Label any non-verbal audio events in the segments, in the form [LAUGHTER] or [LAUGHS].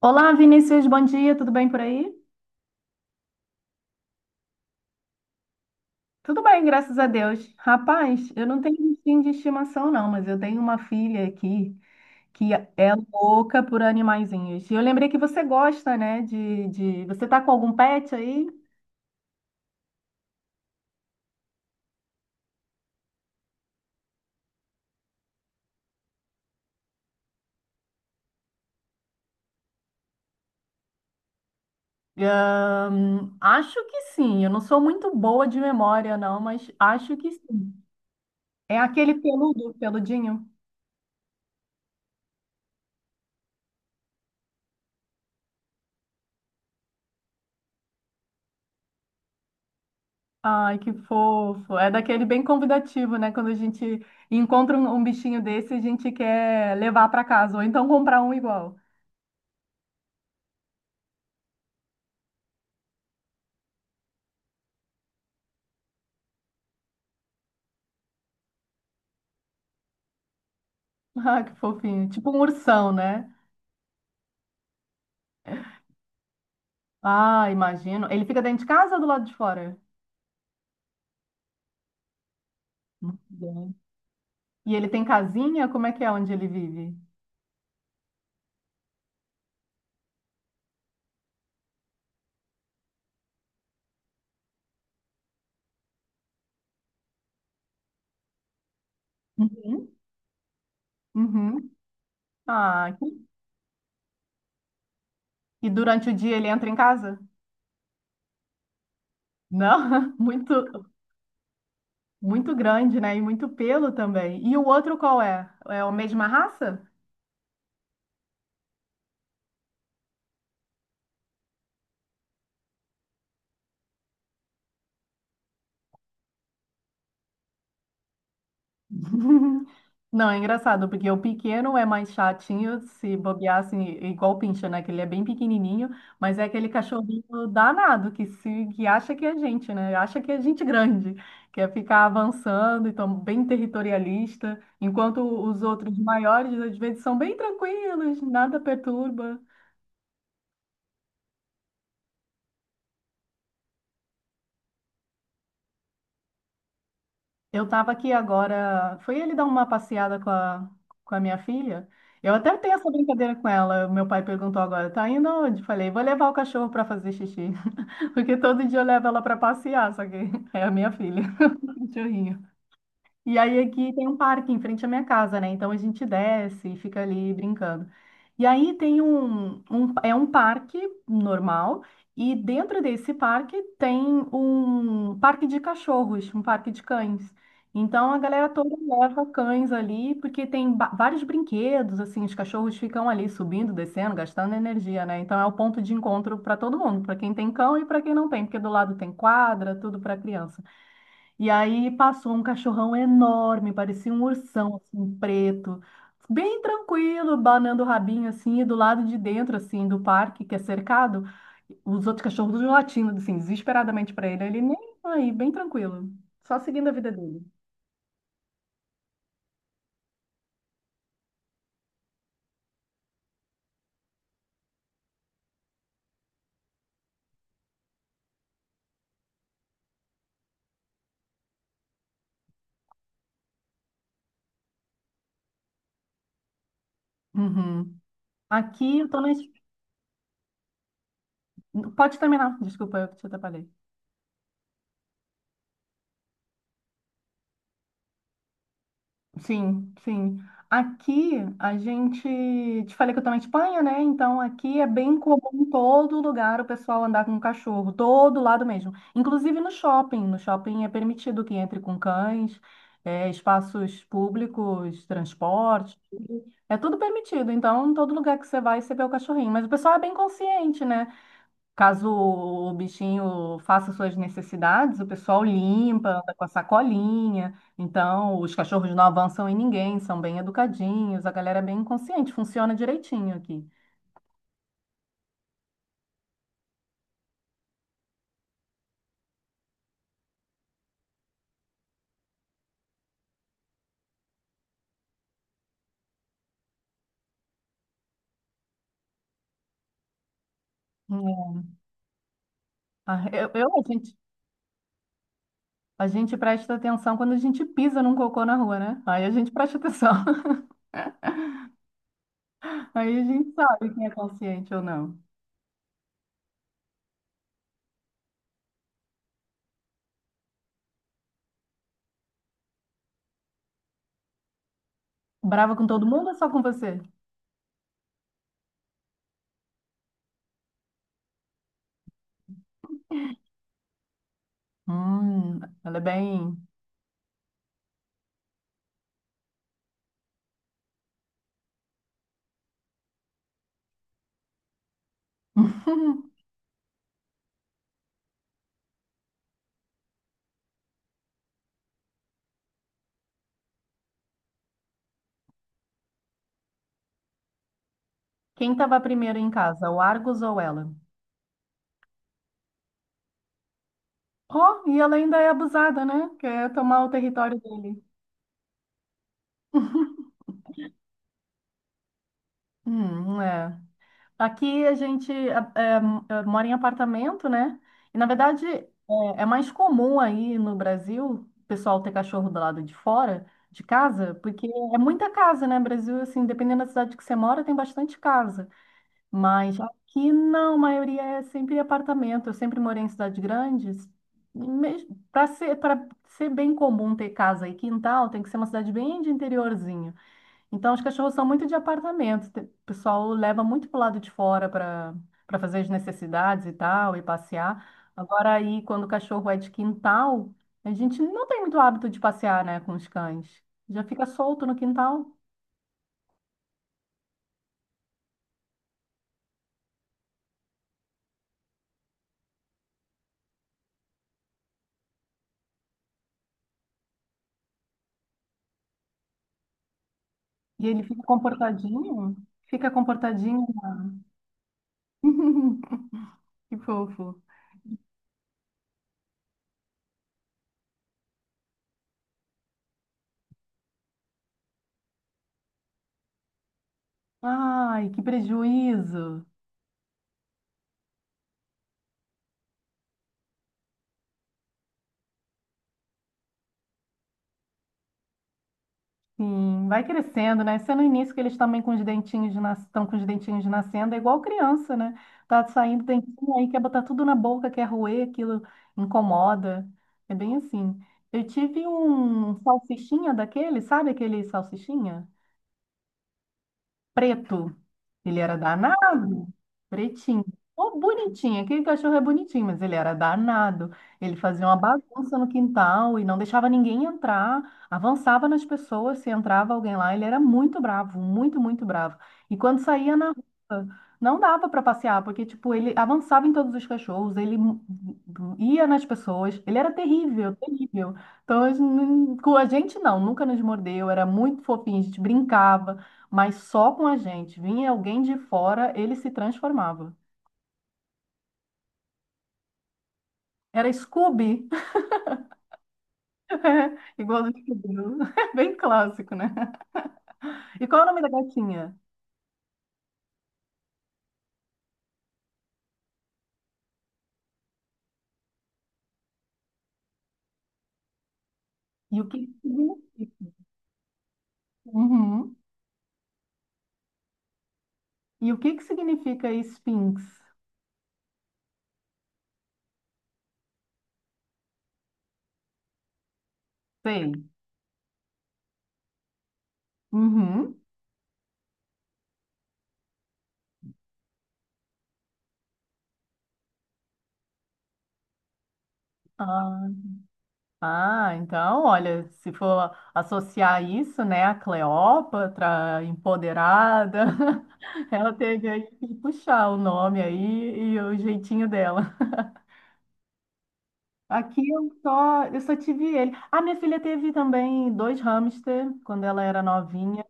Olá, Vinícius, bom dia, tudo bem por aí? Tudo bem, graças a Deus. Rapaz, eu não tenho bichinho de estimação, não, mas eu tenho uma filha aqui que é louca por animaizinhos. E eu lembrei que você gosta, né, de... Você tá com algum pet aí? Acho que sim, eu não sou muito boa de memória, não, mas acho que sim. É aquele peludo, peludinho? Ai, que fofo. É daquele bem convidativo, né? Quando a gente encontra um bichinho desse, a gente quer levar para casa, ou então comprar um igual. [LAUGHS] Ah, que fofinho. Tipo um ursão, né? Ah, imagino. Ele fica dentro de casa ou do lado de fora? Muito bom. E ele tem casinha? Como é que é onde ele vive? Uhum. Uhum. Ah, que- e durante o dia ele entra em casa? Não, [LAUGHS] muito, muito grande, né? E muito pelo também. E o outro qual é? É a mesma raça? [LAUGHS] Não, é engraçado, porque o pequeno é mais chatinho, se bobear assim, igual o pincha, né? Que ele é bem pequenininho, mas é aquele cachorrinho danado que se que acha que é gente, né? Acha que é gente grande, quer ficar avançando, então bem territorialista, enquanto os outros maiores às vezes são bem tranquilos, nada perturba. Eu estava aqui agora. Foi ele dar uma passeada com a minha filha. Eu até tenho essa brincadeira com ela. Meu pai perguntou agora: tá indo onde? Falei: vou levar o cachorro para fazer xixi. [LAUGHS] Porque todo dia eu levo ela para passear, só que [LAUGHS] é a minha filha, [LAUGHS] o cachorrinho. E aí aqui tem um parque em frente à minha casa, né? Então a gente desce e fica ali brincando. E aí tem é um parque normal e dentro desse parque tem um parque de cachorros, um parque de cães. Então a galera toda leva cães ali porque tem vários brinquedos, assim, os cachorros ficam ali subindo, descendo, gastando energia, né? Então é o ponto de encontro para todo mundo, para quem tem cão e para quem não tem, porque do lado tem quadra, tudo para criança. E aí passou um cachorrão enorme, parecia um ursão, assim, preto, bem tranquilo, banando o rabinho, assim, e do lado de dentro, assim, do parque, que é cercado, os outros cachorros latindo, assim, desesperadamente para ele. Ele nem aí, bem tranquilo, só seguindo a vida dele. Uhum. Aqui eu tô na... Pode terminar, desculpa, eu que te atrapalhei. Sim, sim. Aqui a gente, te falei que eu estou na Espanha, né? Então aqui é bem comum em todo lugar o pessoal andar com cachorro, todo lado mesmo. Inclusive no shopping. No shopping é permitido que entre com cães, é, espaços públicos, transporte, tudo. É tudo permitido. Então, em todo lugar que você vai, você vê o cachorrinho. Mas o pessoal é bem consciente, né? Caso o bichinho faça suas necessidades, o pessoal limpa, anda com a sacolinha. Então, os cachorros não avançam em ninguém, são bem educadinhos, a galera é bem consciente, funciona direitinho aqui. É. Ah, a gente presta atenção quando a gente pisa num cocô na rua, né? Aí a gente presta atenção. [LAUGHS] Aí a gente sabe quem é consciente ou não. Brava com todo mundo ou só com você? Ela é bem. [LAUGHS] Quem estava primeiro em casa, o Argos ou ela? Ó, e ela ainda é abusada, né? Quer tomar o território dele. É. Aqui a gente mora em apartamento, né? E na verdade é mais comum aí no Brasil o pessoal ter cachorro do lado de fora de casa, porque é muita casa, né? Brasil, assim, dependendo da cidade que você mora, tem bastante casa. Mas aqui não, a maioria é sempre apartamento. Eu sempre morei em cidades grandes. Para ser bem comum ter casa e quintal, tem que ser uma cidade bem de interiorzinho. Então, os cachorros são muito de apartamento. O pessoal leva muito para o lado de fora para fazer as necessidades e tal, e passear. Agora, aí, quando o cachorro é de quintal, a gente não tem muito hábito de passear, né, com os cães. Já fica solto no quintal e ele fica comportadinho, fica comportadinho. [LAUGHS] Que fofo. Ai, que prejuízo. Sim, vai crescendo, né? Sendo no início que eles também com os estão com os dentinhos de nascendo, é igual criança, né? Tá saindo dentinho aí, quer botar tudo na boca, quer roer, aquilo incomoda. É bem assim. Eu tive um salsichinha daquele, sabe aquele salsichinha? Preto. Ele era danado, pretinho. Oh, bonitinho, aquele cachorro é bonitinho, mas ele era danado. Ele fazia uma bagunça no quintal e não deixava ninguém entrar, avançava nas pessoas, se entrava alguém lá, ele era muito bravo, muito, muito bravo. E quando saía na rua, não dava para passear, porque tipo, ele avançava em todos os cachorros, ia nas pessoas, ele era terrível, terrível. Então, a gente com a gente não, nunca nos mordeu, era muito fofinho, a gente brincava. Mas só com a gente. Vinha alguém de fora, ele se transformava. Era Scooby, [LAUGHS] igual o Scooby, [LAUGHS] bem clássico, né? E qual é o nome da gatinha? E o que que significa? Uhum. E o que que significa Sphinx? Sei. Uhum. Ah, ah, então, olha, se for associar isso, né, a Cleópatra, empoderada, [LAUGHS] ela teve aí que puxar o nome aí e o jeitinho dela. Aqui eu só tive ele. A minha filha teve também dois hamster quando ela era novinha.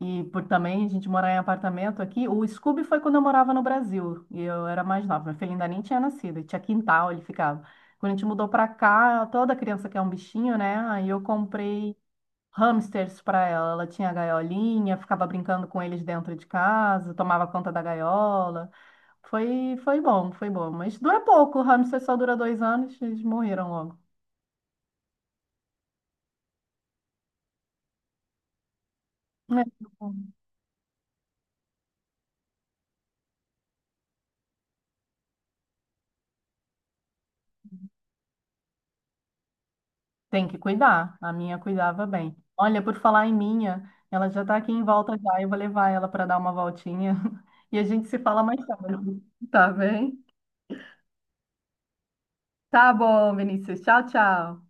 E por também a gente morar em apartamento aqui. O Scooby foi quando eu morava no Brasil. E eu era mais nova. Minha filha ainda nem tinha nascido. Tinha quintal, ele ficava. Quando a gente mudou pra cá, toda criança quer um bichinho, né? Aí eu comprei hamsters pra ela. Ela tinha a gaiolinha, ficava brincando com eles dentro de casa, tomava conta da gaiola. Foi, foi bom, foi bom. Mas dura pouco. O hamster só dura 2 anos, eles morreram logo. É, tem que cuidar. A minha cuidava bem. Olha, por falar em minha, ela já tá aqui em volta já. Eu vou levar ela para dar uma voltinha [LAUGHS] e a gente se fala mais tarde. Tá bem? Tá bom, Vinícius. Tchau, tchau.